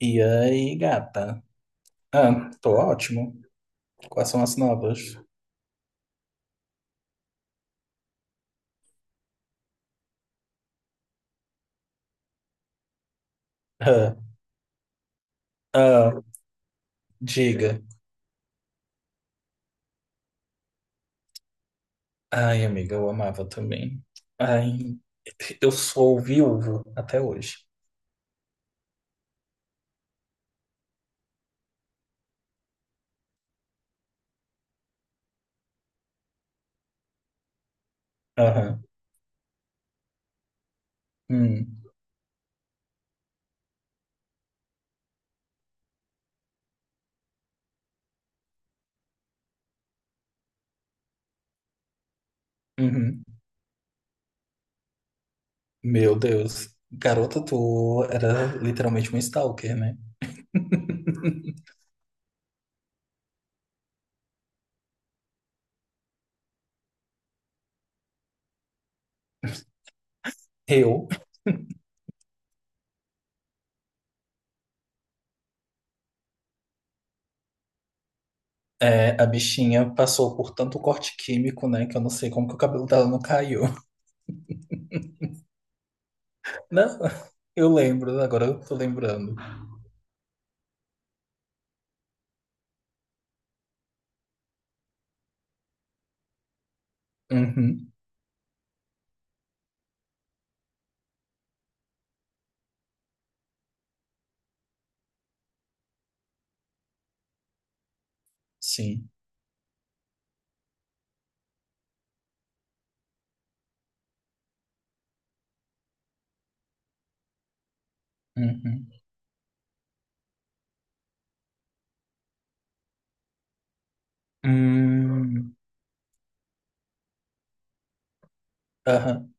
E aí, gata? Ah, tô ótimo. Quais são as novas? Ah, ah, diga. Ai, amiga, eu amava também. Ai, eu sou viúvo até hoje. Aham. Hum, uhum. Meu Deus. Garota, tu era literalmente um stalker, né? Eu, é, a bichinha passou por tanto corte químico, né, que eu não sei como que o cabelo dela não caiu. Não, eu lembro, agora eu tô lembrando. Uhum, sim. Uhum. Hum, aham.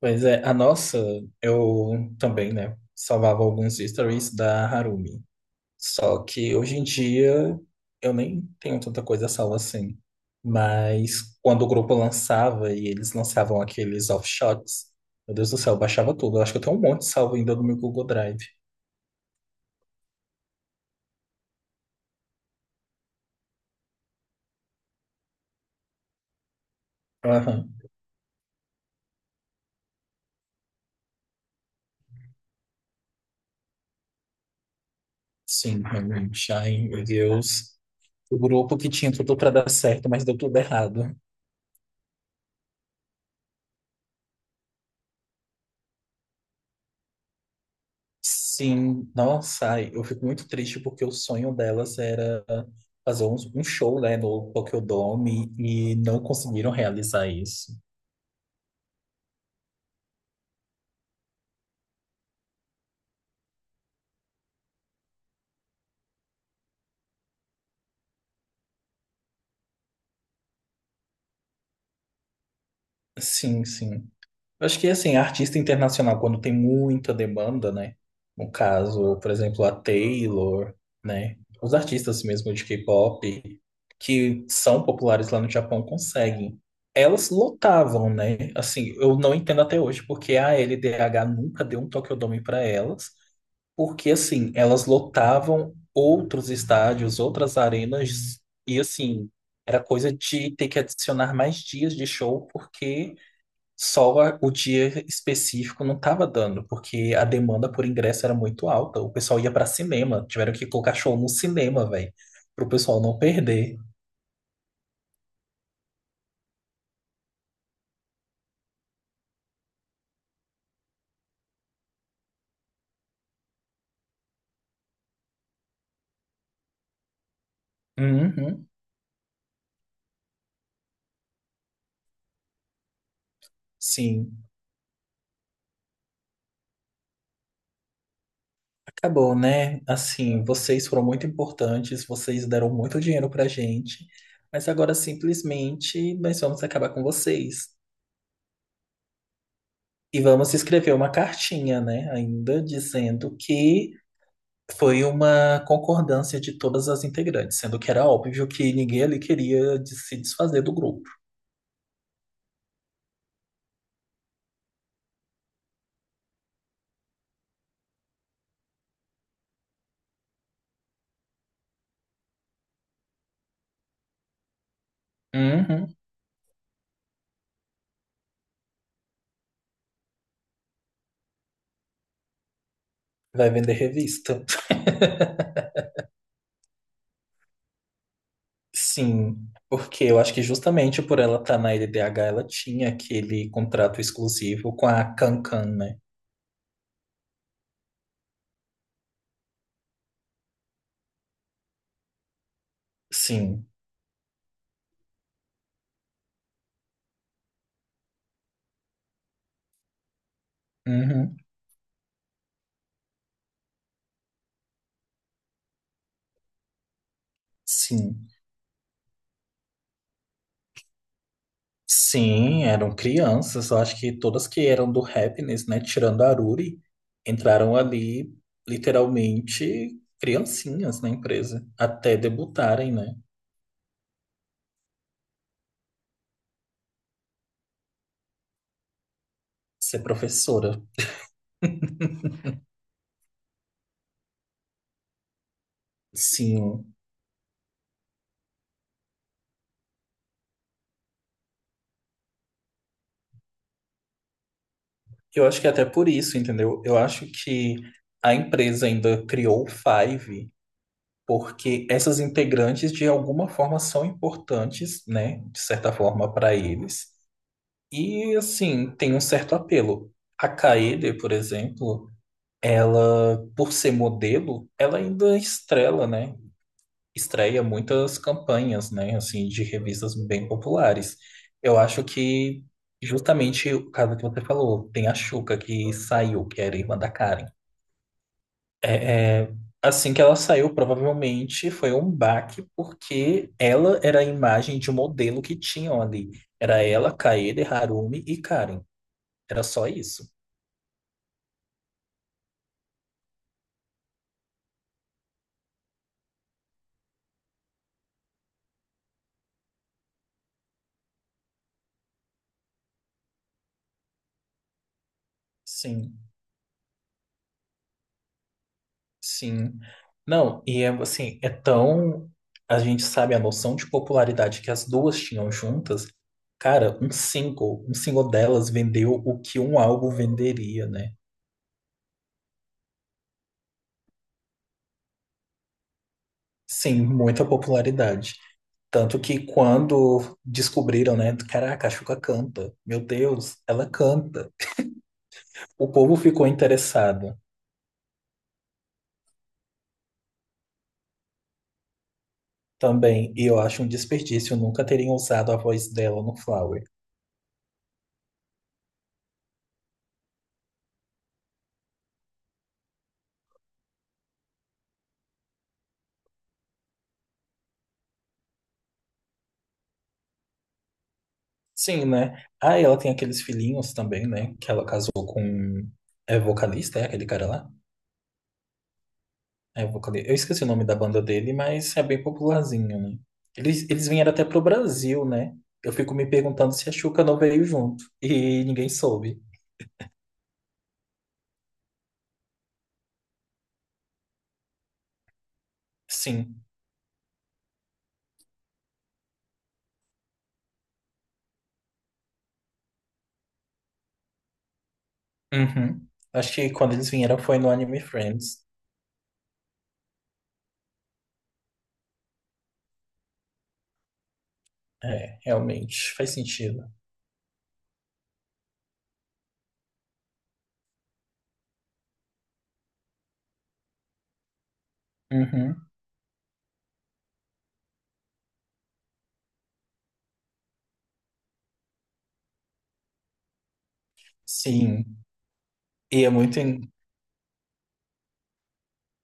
Pois é, a nossa, eu também, né, salvava alguns stories da Harumi. Só que hoje em dia eu nem tenho tanta coisa salva assim. Mas quando o grupo lançava e eles lançavam aqueles offshots, meu Deus do céu, eu baixava tudo. Eu acho que eu tenho um monte salvo ainda no meu Google Drive. Aham. Sim, realmente. Ai, meu Deus. O grupo que tinha tudo pra dar certo, mas deu tudo errado. Sim, nossa, ai, eu fico muito triste porque o sonho delas era fazer um show, né, no Tokyo Dome e não conseguiram realizar isso. Sim, sim. Eu Acho que assim, artista internacional, quando tem muita demanda, né? No caso, por exemplo, a Taylor, né? Os artistas mesmo de K-pop, que são populares lá no Japão, conseguem. Elas lotavam, né? Assim, eu não entendo até hoje porque a LDH nunca deu um Tokyo Dome para elas. Porque assim, elas lotavam outros estádios, outras arenas, e assim, era coisa de ter que adicionar mais dias de show, porque só a- o dia específico não estava dando, porque a demanda por ingresso era muito alta. O pessoal ia para cinema, tiveram que colocar show no cinema, velho, para o pessoal não perder. Uhum, sim. Acabou, né? Assim, vocês foram muito importantes, vocês deram muito dinheiro pra gente, mas agora simplesmente nós vamos acabar com vocês. E vamos escrever uma cartinha, né? Ainda dizendo que foi uma concordância de todas as integrantes, sendo que era óbvio que ninguém ali queria de- se desfazer do grupo. Uhum. Vai vender revista. Sim, porque eu acho que justamente por ela estar na LDH, ela tinha aquele contrato exclusivo com a Cancan, né? Sim. Uhum, sim. Sim, eram crianças. Eu acho que todas que eram do Happiness, né? Tirando a Aruri, entraram ali literalmente criancinhas na empresa. Até debutarem, né? Ser professora. Sim. Eu acho que é até por isso, entendeu? Eu acho que a empresa ainda criou o Five, porque essas integrantes, de alguma forma, são importantes, né? De certa forma, para eles. E assim, tem um certo apelo. A Kaede, por exemplo, ela, por ser modelo, ela ainda estrela, né? Estreia muitas campanhas, né? Assim, de revistas bem populares. Eu acho que justamente o caso que você falou, tem a Shuka que saiu, que era irmã da Karen. É, é, assim que ela saiu, provavelmente foi um baque, porque ela era a imagem de modelo que tinham ali. Era ela, Kaede, Harumi e Karen. Era só isso. Sim, sim. Não, e é assim, é tão. A gente sabe a noção de popularidade que as duas tinham juntas. Cara, um single delas vendeu o que um álbum venderia, né? Sim, muita popularidade. Tanto que quando descobriram, né? Caraca, a Xuca canta. Meu Deus, ela canta. O povo ficou interessado também. E eu acho um desperdício nunca terem usado a voz dela no Flower. Sim, né? Ah, e ela tem aqueles filhinhos também, né? Que ela casou com. É vocalista, é aquele cara lá? É vocalista. Eu esqueci o nome da banda dele, mas é bem popularzinho, né? Eles vieram até pro Brasil, né? Eu fico me perguntando se a Xuca não veio junto. E ninguém soube. Sim. Uhum. Acho que quando eles vieram foi no Anime Friends. É, realmente. Faz sentido. Uhum. Sim. E é muito.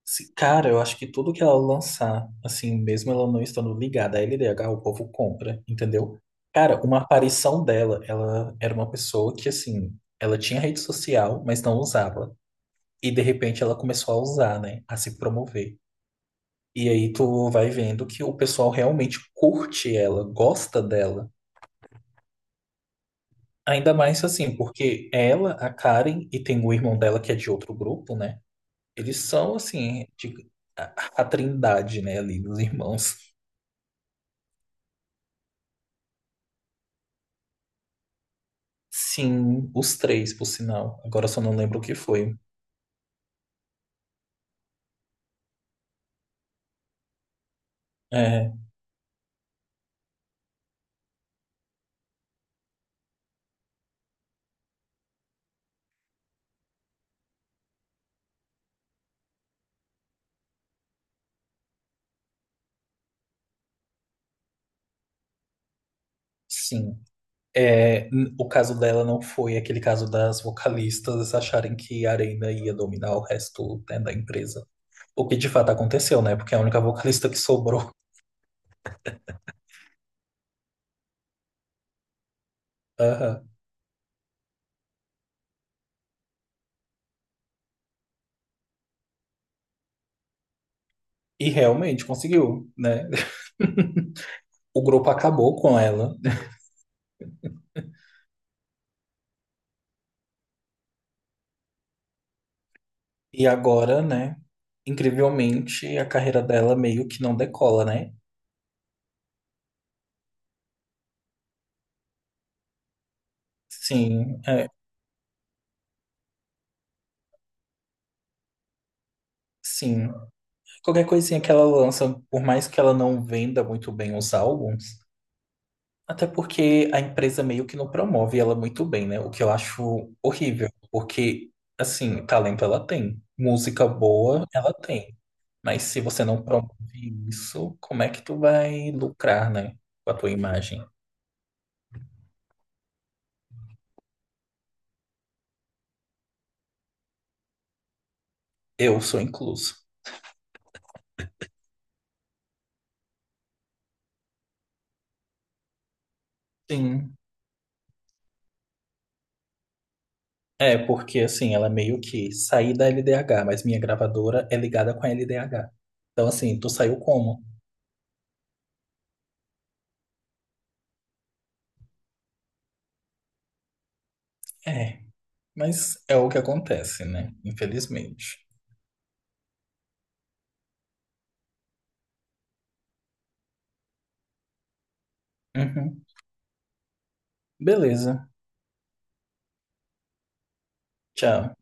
Se- Cara, eu acho que tudo que ela lançar, assim, mesmo ela não estando ligada à LDH, o povo compra, entendeu? Cara, uma aparição dela, ela era uma pessoa que, assim, ela tinha rede social, mas não usava. E, de repente, ela começou a usar, né? A se promover. E aí tu vai vendo que o pessoal realmente curte ela, gosta dela. Ainda mais, assim, porque ela, a Karen, e tem o irmão dela que é de outro grupo, né? Eles são, assim, de- a a trindade, né, ali dos irmãos. Sim, os três, por sinal. Agora eu só não lembro o que foi. É, sim. É, n- o caso dela não foi aquele caso das vocalistas acharem que a Arena ia dominar o resto, né, da empresa. O que de fato aconteceu, né? Porque é a única vocalista que sobrou. Aham. E realmente conseguiu, né? O grupo acabou com ela. E agora, né? Incrivelmente, a carreira dela meio que não decola, né? Sim, é, sim. Qualquer coisinha que ela lança, por mais que ela não venda muito bem os álbuns, até porque a empresa meio que não promove ela muito bem, né? O que eu acho horrível, porque, assim, talento ela tem, música boa ela tem, mas se você não promove isso, como é que tu vai lucrar, né? Com a tua imagem? Eu sou incluso. Sim. É, porque, assim, ela é meio que saí da LDH, mas minha gravadora é ligada com a LDH. Então, assim, tu saiu como? É. Mas é o que acontece, né? Infelizmente. Uhum. Beleza. Tchau.